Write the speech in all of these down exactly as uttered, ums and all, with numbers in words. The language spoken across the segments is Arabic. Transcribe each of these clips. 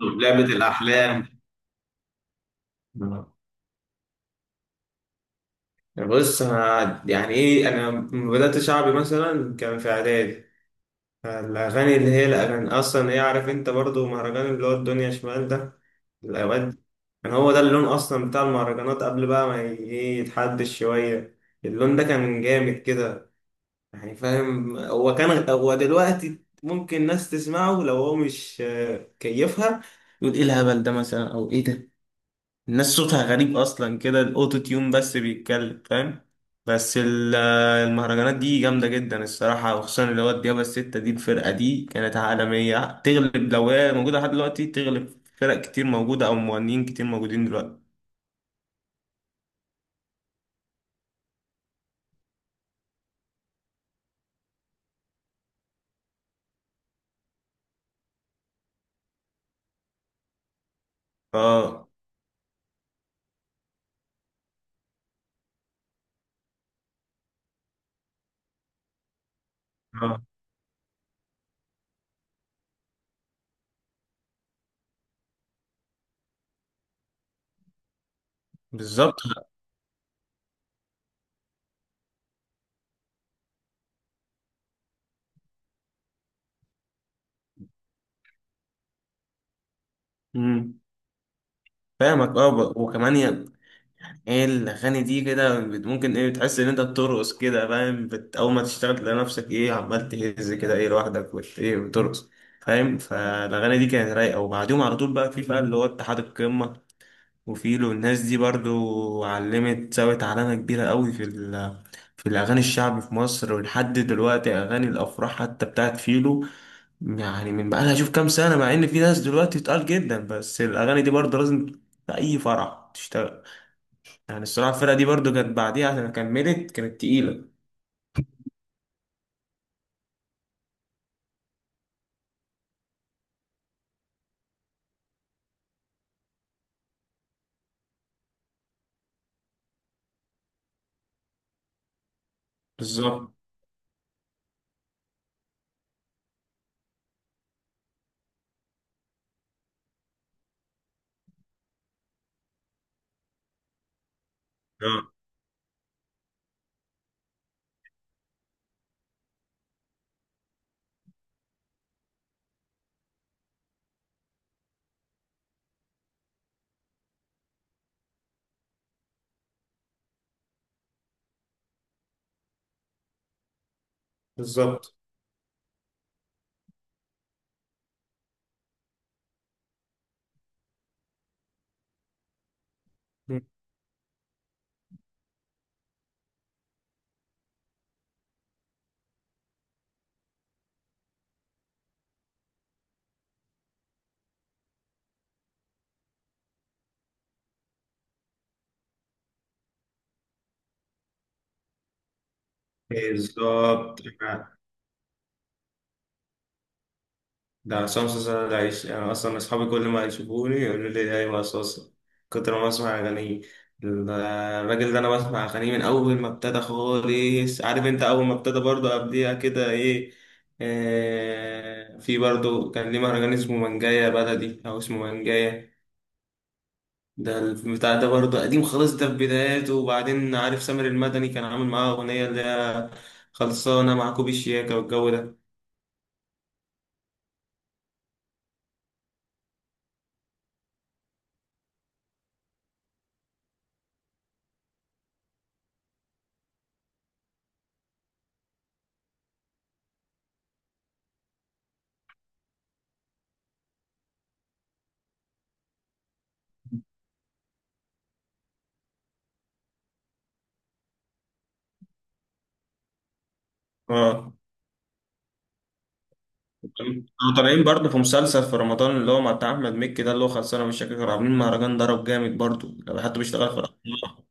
لعبة الأحلام. آه. بص، أنا يعني إيه، أنا لما بدأت شعبي مثلا كان في إعدادي. الأغاني اللي هي الأغاني أصلا هي، عارف أنت برضو مهرجان اللي هو الدنيا شمال ده الأوقات، كان هو ده اللون أصلا بتاع المهرجانات قبل بقى ما ي- إيه يتحدش شوية. اللون ده كان جامد كده، يعني فاهم. هو كان، هو دلوقتي ممكن ناس تسمعه لو هو مش آه، كيفها، يقول إيه الهبل ده مثلا أو إيه ده. الناس صوتها غريب اصلا كده، الاوتو تيون بس بيتكلم، فاهم. بس ال- المهرجانات دي جامده جدا الصراحه، وخصوصا اللي هو الديابه السته دي. الفرقه دي كانت عالميه، تغلب لو هي موجوده لحد دلوقتي، تغلب فرق كتير موجوده او مغنيين كتير موجودين دلوقتي. اه، اه، بالظبط. امم، فاهمك. اه، ب- وكمان، ايه الاغاني دي كده، بت- ممكن ايه بتحس ان انت بترقص كده، فاهم، بت... اول ما تشتغل تلاقي نفسك ايه عمال تهز كده ايه لوحدك، وت... ايه بترقص، فاهم. فالاغاني دي كانت رايقه، وبعديهم على طول بقى، في بقى اللي هو اتحاد القمه وفيلو. الناس دي برضو علمت سوت علامه كبيره قوي في ال... في الاغاني الشعبي في مصر. ولحد دلوقتي اغاني الافراح حتى بتاعت فيلو، يعني من بقى لها شوف كام سنه، مع ان في ناس دلوقتي تقال جدا، بس الاغاني دي برضو لازم في اي فرح تشتغل. يعني الصراحة الفرقة دي برضو كانت بعديها عشان كملت كانت تقيلة. بالظبط. اه، بالظبط بالظبط آه. ده عصام صاصا ده عيش يعني، اصلا اصحابي كل ما يشوفوني يقولوا لي ايوه صاصا، كتر ما اسمع اغانيه. ال- الراجل ده انا بسمع اغانيه من اول ما ابتدى خالص. عارف انت، اول ما ابتدى برضه قبليها كده ايه، آه في برضه كان ليه مهرجان اسمه منجاية بلدي او اسمه منجاية. ده البتاع ده برضه قديم خالص، ده في بداياته. وبعدين عارف سامر المدني كان عامل معاه أغنية اللي هي خلصانة مع كوبي الشياكة والجو ده. اه. كانوا طالعين برضه في مسلسل في رمضان اللي هو مع بتاع أحمد مكي ده، اللي هو خلصانة مش فاكر. كانوا عاملين مهرجان ضرب جامد برضه لو حد بيشتغل في الأسواق.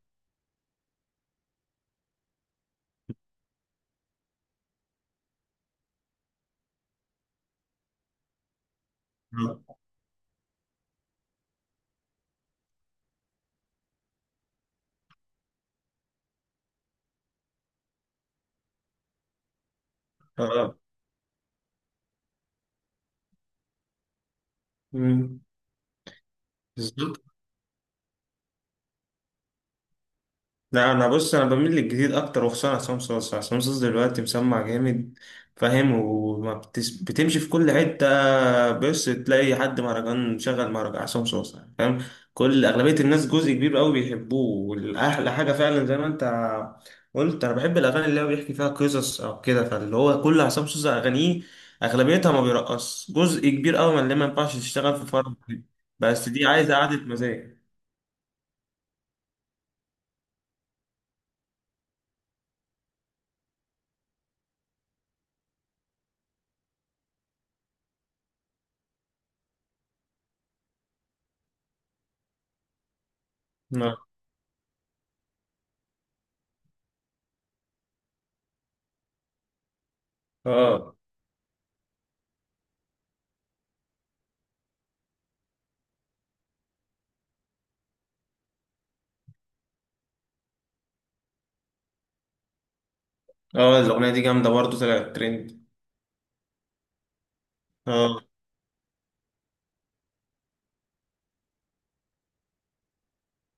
اه، اه. مم. بالظبط. لا، انا بص، انا بميل للجديد اكتر وخصوصا عصام صاصا. عصام صاصا دلوقتي مسمع جامد، فاهم. وما بتس... بتمشي في كل حته. بس تلاقي حد مهرجان شغل مهرجان عصام صاصا، فاهم. كل اغلبيه الناس جزء كبير قوي بيحبوه. والاحلى حاجه فعلا زي ما انت قلت، انا بحب الاغاني اللي هو بيحكي فيها قصص او كده. فاللي هو كل عصام صاصا اغانيه اغلبيتها ما بيرقص جزء كبير قوي، من اللي ما ينفعش تشتغل في فرق، بس دي عايزه قعده مزاج. اه، اه. الاغنيه دي جامده برضه طلعت ترند. اه،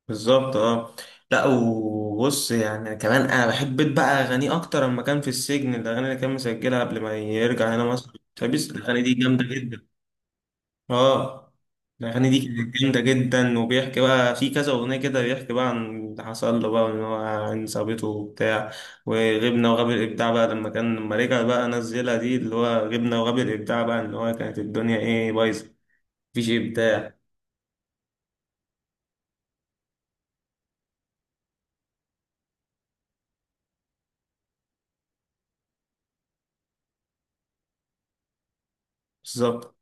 بالظبط. اه. لا وبص، يعني كمان انا بحب بيت بقى اغانيه اكتر لما كان في السجن. الاغاني اللي كان مسجلها قبل ما يرجع هنا مصر، فبس الاغاني دي جامده جدا. اه. الاغاني دي كانت جامده جدا. وبيحكي بقى في كذا اغنيه كده، بيحكي بقى عن اللي حصل له بقى، وان هو عن صاحبته وبتاع، وغبنا وغاب الابداع بقى، لما كان لما رجع بقى نزلها دي اللي هو غبنا وغاب الابداع بقى، ان هو كانت الدنيا ايه بايظه، مفيش ابداع. بالظبط.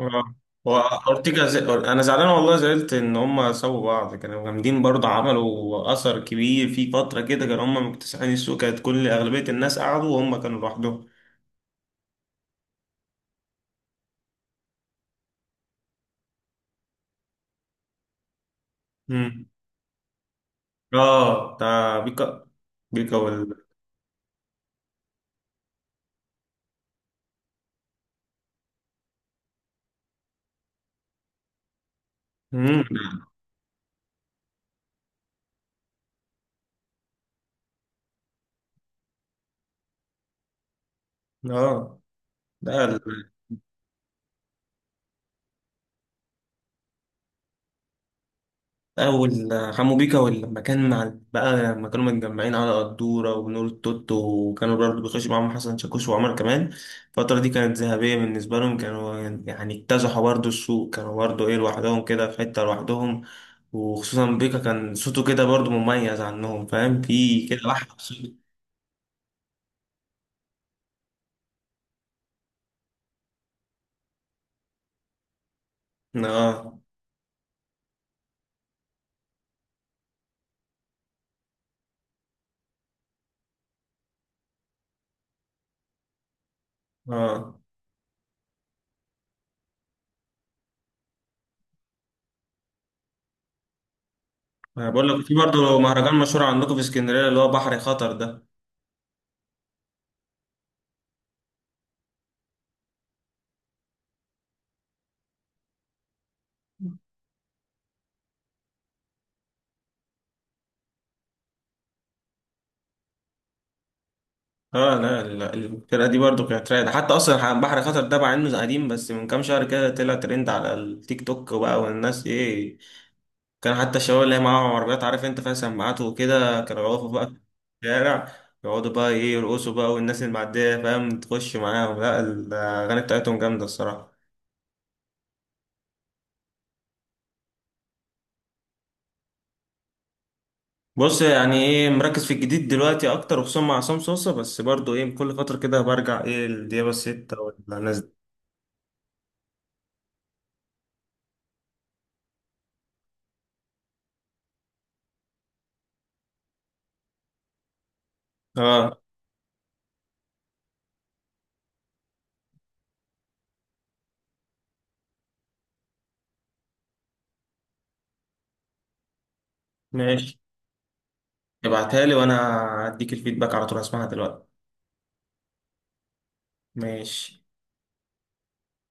اه. هو اورتيجا زي... انا زعلان والله، زعلت ان هم سابوا بعض. كانوا جامدين برضه، عملوا اثر كبير في فتره كده، كانوا هم مكتسحين السوق، كانت كل اغلبيه الناس قعدوا وهم كانوا لوحدهم. امم. اه، بتاع بيكا. بيكا وال امم اه ده أول حمو بيكا. ولما كان مع بقى، لما كانوا متجمعين على قدورة ونور التوتو، وكانوا برضه بيخشوا معاهم حسن شاكوش وعمر كمان. الفترة دي كانت ذهبية بالنسبة لهم، كانوا يعني اكتسحوا برضه السوق، كانوا برضه إيه لوحدهم كده، في حتة لوحدهم. وخصوصا بيكا كان صوته كده برضه مميز عنهم، فاهم، في كده واحد صوت. آه، آه. أنا بقول لك في برضه مهرجان مشهور عندكم في اسكندرية، اللي هو بحر خطر ده. اه. لا لا، الفرقة دي برضو كانت رايقة. حتى اصلا بحر خطر ده مع انه قديم، بس من كام شهر كده طلع ترند على التيك توك وبقى، والناس ايه، كان حتى الشباب اللي هي معاهم عربيات، عارف انت فيها سماعات وكده، كانوا يقفوا بقى في الشارع، يقعدوا بقى ايه يرقصوا بقى، والناس اللي معدية فاهم تخش معاهم. لا، الاغاني بتاعتهم جامدة الصراحة. بص يعني ايه، مركز في الجديد دلوقتي اكتر وخصوصا مع عصام صوصة، بس برضو ايه كل فترة كده برجع ايه لديابة الستة ولا الناس دي. اه، ماشي. ابعتها لي وانا هديك الفيدباك على طول، هسمعها دلوقتي. ماشي.